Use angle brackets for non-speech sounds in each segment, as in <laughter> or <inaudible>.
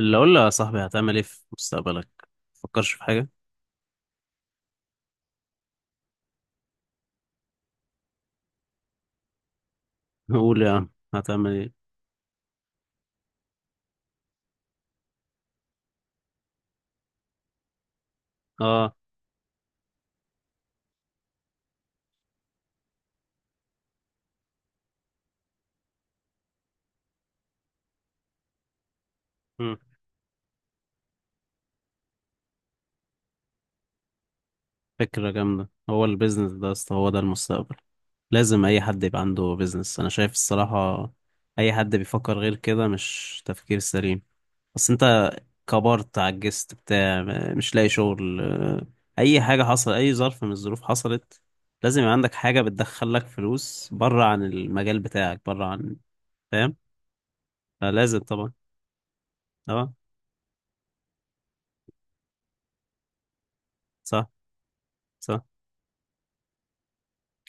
اللي اقول له يا صاحبي، هتعمل ايه في مستقبلك؟ مفكرش في حاجه. <laughs> قول يا عم هتعمل ايه؟ اه. مم. فكره جامده. هو البيزنس ده يا اسطى، هو ده المستقبل. لازم اي حد يبقى عنده بيزنس، انا شايف الصراحه. اي حد بيفكر غير كده مش تفكير سليم. بس انت كبرت، عجزت، بتاع، مش لاقي شغل، اي حاجه حصل، اي ظرف من الظروف حصلت، لازم يبقى عندك حاجه بتدخلك فلوس، بره عن المجال بتاعك، بره عن... فاهم؟ فلازم طبعا. اه. صح. صح.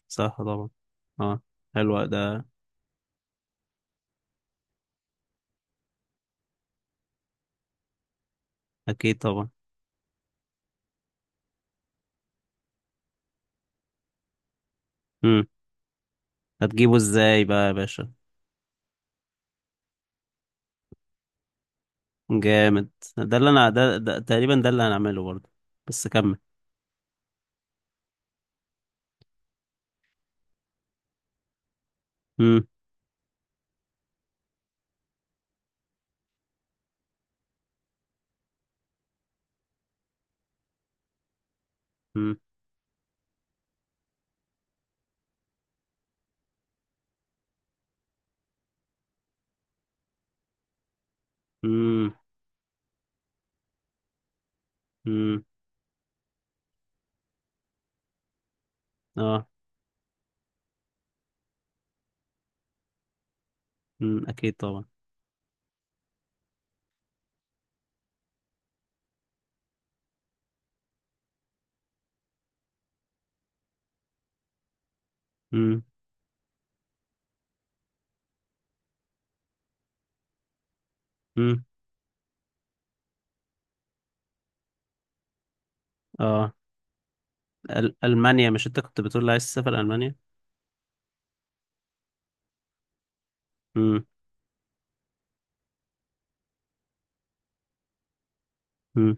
صح طبعا. اه. حلو ده. اكيد طبعا. امم. هتجيبه ازاي بقى يا باشا؟ جامد. ده تقريبا ده اللي هنعمله برضه. بس كمل. امم. امم. امم. امم. اه. امم. اكيد طبعا. امم. امم. اه. أل... المانيا، مش انت كنت بتقول لي عايز تسافر المانيا؟ امم. امم.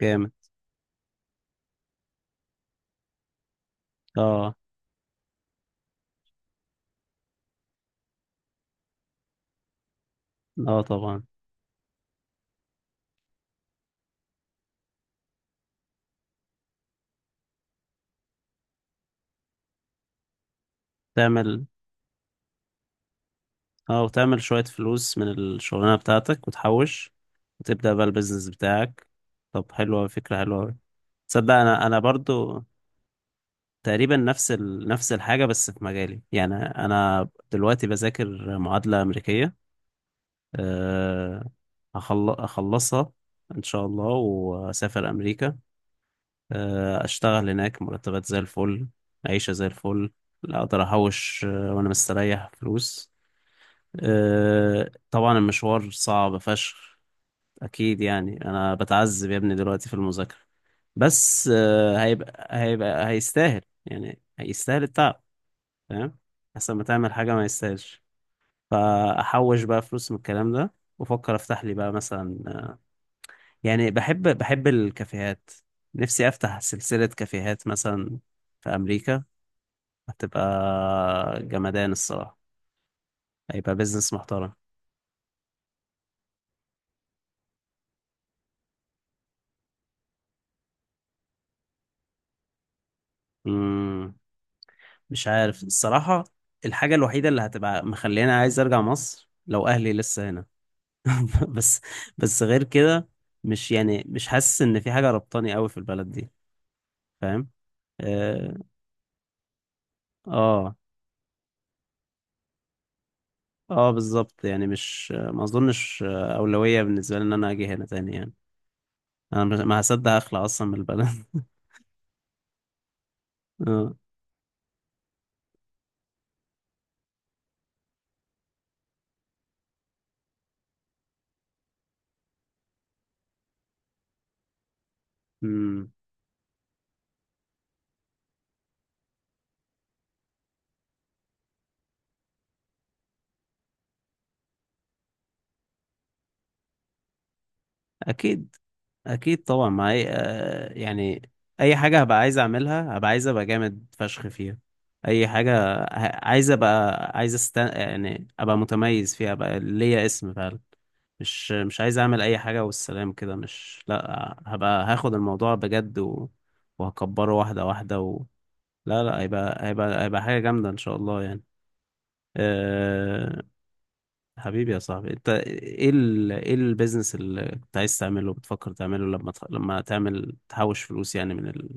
جامد. اه. اه طبعا. تعمل... اه، وتعمل شوية فلوس من الشغلانة بتاعتك وتحوش، وتبدأ بقى البيزنس بتاعك. طب حلوة، فكرة حلوة. تصدق انا برضو تقريبا نفس ال... نفس الحاجه، بس في مجالي. يعني انا دلوقتي بذاكر معادله امريكيه. أه... أخل... اخلصها ان شاء الله، واسافر امريكا. أه... اشتغل هناك، مرتبات زي الفل، عيشه زي الفل، لا، اقدر احوش وانا مستريح فلوس. أه... طبعا المشوار صعب فشخ، اكيد. يعني انا بتعذب يا ابني دلوقتي في المذاكره، بس هيبقى هيستاهل، يعني هيستاهل التعب. فاهم؟ احسن ما تعمل حاجه ما يستاهلش. فاحوش بقى فلوس من الكلام ده، وافكر افتح لي بقى مثلا، يعني بحب الكافيهات، نفسي افتح سلسله كافيهات مثلا في امريكا. هتبقى جمدان الصراحه، هيبقى بيزنس محترم. مم. مش عارف الصراحه. الحاجه الوحيده اللي هتبقى مخليني عايز ارجع مصر، لو اهلي لسه هنا <laughs> بس. بس غير كده، مش حاسس ان في حاجة ربطاني قوي في البلد دي. فاهم؟ اه. اه. بالظبط. يعني مش، ما اظنش أولوية بالنسبة لي ان انا اجي هنا تاني يعني. انا ما هصدق اخلع اصلا من البلد. <laughs> آه. أمم، اكيد. اكيد طبعا. ما أي... آه، يعني اي حاجه هبقى عايز اعملها، هبقى عايز ابقى جامد فشخ فيها. اي حاجه. عايز ابقى يعني ابقى متميز فيها، ابقى ليا اسم فعلا. مش عايز اعمل اي حاجه والسلام كده. مش لا، هبقى هاخد الموضوع بجد، و... وهكبره واحده واحده، و... لا لا، هيبقى حاجه جامده ان شاء الله يعني. آه. حبيبي يا صاحبي، انت ايه ايه البيزنس اللي كنت عايز تعمله، بتفكر تعمله لما لما تعمل تحوش فلوس، يعني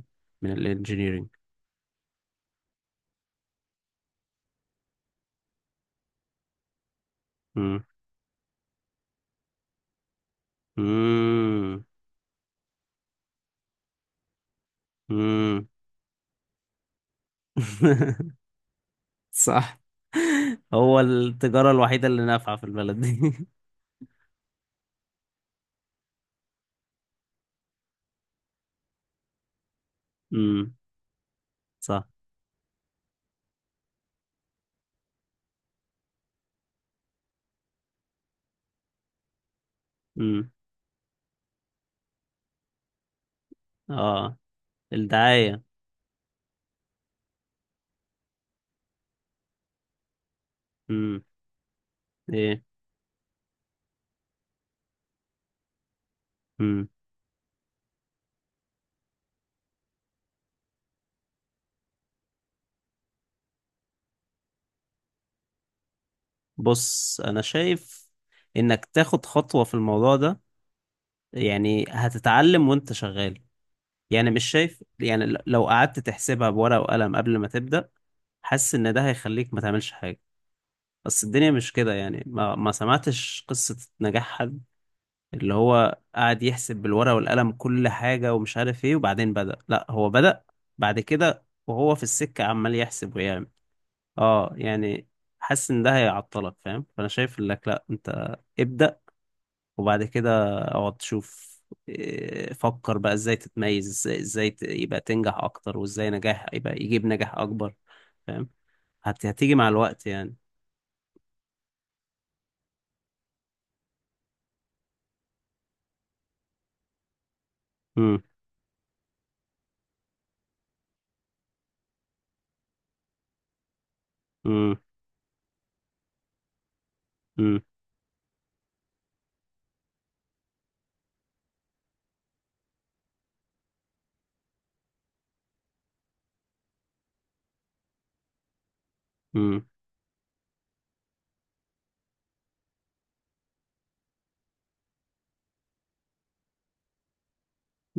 من الانجينيرينج. امم. امم. امم. <laughs> صح. هو التجارة الوحيدة اللي نافعة في البلد دي. <laughs> امم. صح. امم. اه. الدعاية. امم. ايه. امم. بص انا شايف انك تاخد خطوة في الموضوع ده، يعني هتتعلم وانت شغال. يعني مش شايف، يعني لو قعدت تحسبها بورقة وقلم قبل ما تبدأ، حاسس ان ده هيخليك ما تعملش حاجة. بس الدنيا مش كده يعني، ما سمعتش قصة نجاح حد اللي هو قاعد يحسب بالورقة والقلم كل حاجة ومش عارف ايه، وبعدين بدأ. لا، هو بدأ بعد كده، وهو في السكة عمال يحسب ويعمل. اه يعني. حاسس ان ده هيعطلك، فاهم؟ فانا شايف لك، لا، انت ابدأ وبعد كده اقعد تشوف. إيه، فكر بقى ازاي تتميز، ازاي يبقى تنجح اكتر، وازاي نجاح يبقى يجيب نجاح اكبر. فاهم؟ هتيجي مع الوقت يعني. امم. امم. امم. امم.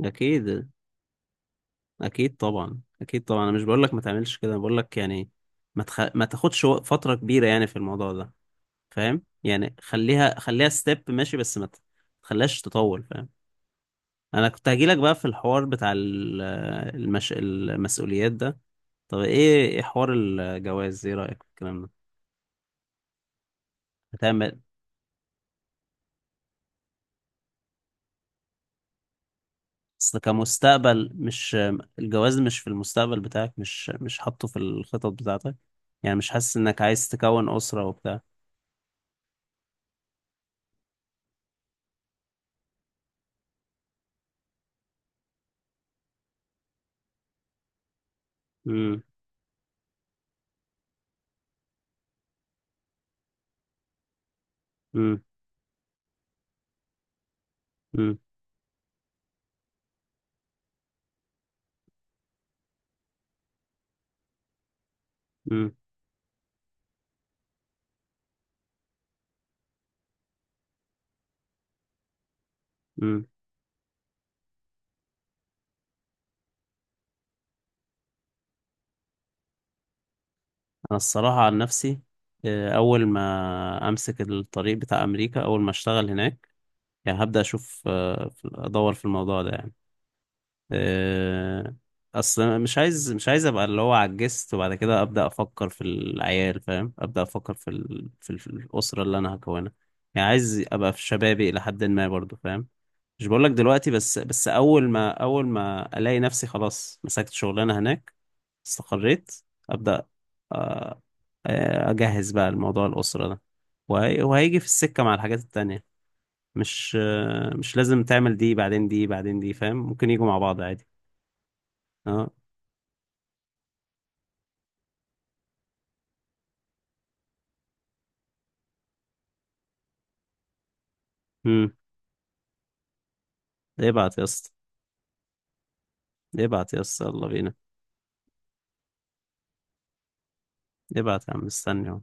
اكيد. اكيد طبعا. اكيد طبعا. انا مش بقول لك ما تعملش كده، انا بقول لك يعني ما ما تاخدش فترة كبيرة يعني في الموضوع ده. فاهم؟ يعني خليها ستيب ماشي، بس ما ت- تخليهاش تطول. فاهم؟ انا كنت هجيلك بقى في الحوار بتاع المسؤوليات ده. طب ايه، ايه حوار الجواز، ايه رأيك في الكلام ده؟ هتعمل اصل كمستقبل، مش الجواز مش في المستقبل بتاعك، مش حاطه في الخطط بتاعتك؟ يعني مش حاسس انك عايز تكون أسرة وبتاع؟ امم. امم. امم. امم. امم. انا الصراحة عن نفسي، اول ما امسك الطريق بتاع امريكا، اول ما اشتغل هناك، يعني هبدأ اشوف، ادور في الموضوع ده يعني. آه، اصل مش عايز، ابقى اللي هو عجزت وبعد كده ابدا افكر في العيال. فاهم؟ ابدا افكر في ال... في الاسره اللي انا هكونها. يعني عايز ابقى في شبابي الى حد ما برضو. فاهم؟ مش بقولك دلوقتي، بس اول ما، الاقي نفسي خلاص مسكت شغلانه هناك، استقريت، ابدا. آه، اجهز بقى الموضوع الاسره ده، وهيجي في السكه مع الحاجات التانية. مش مش لازم تعمل دي بعدين، دي بعدين، دي، فاهم؟ ممكن يجوا مع بعض عادي. آه. امم. ابعت يا اسطى. ابعت يا اسطى، يلا بينا. ابعت يا عم، مستني أهو.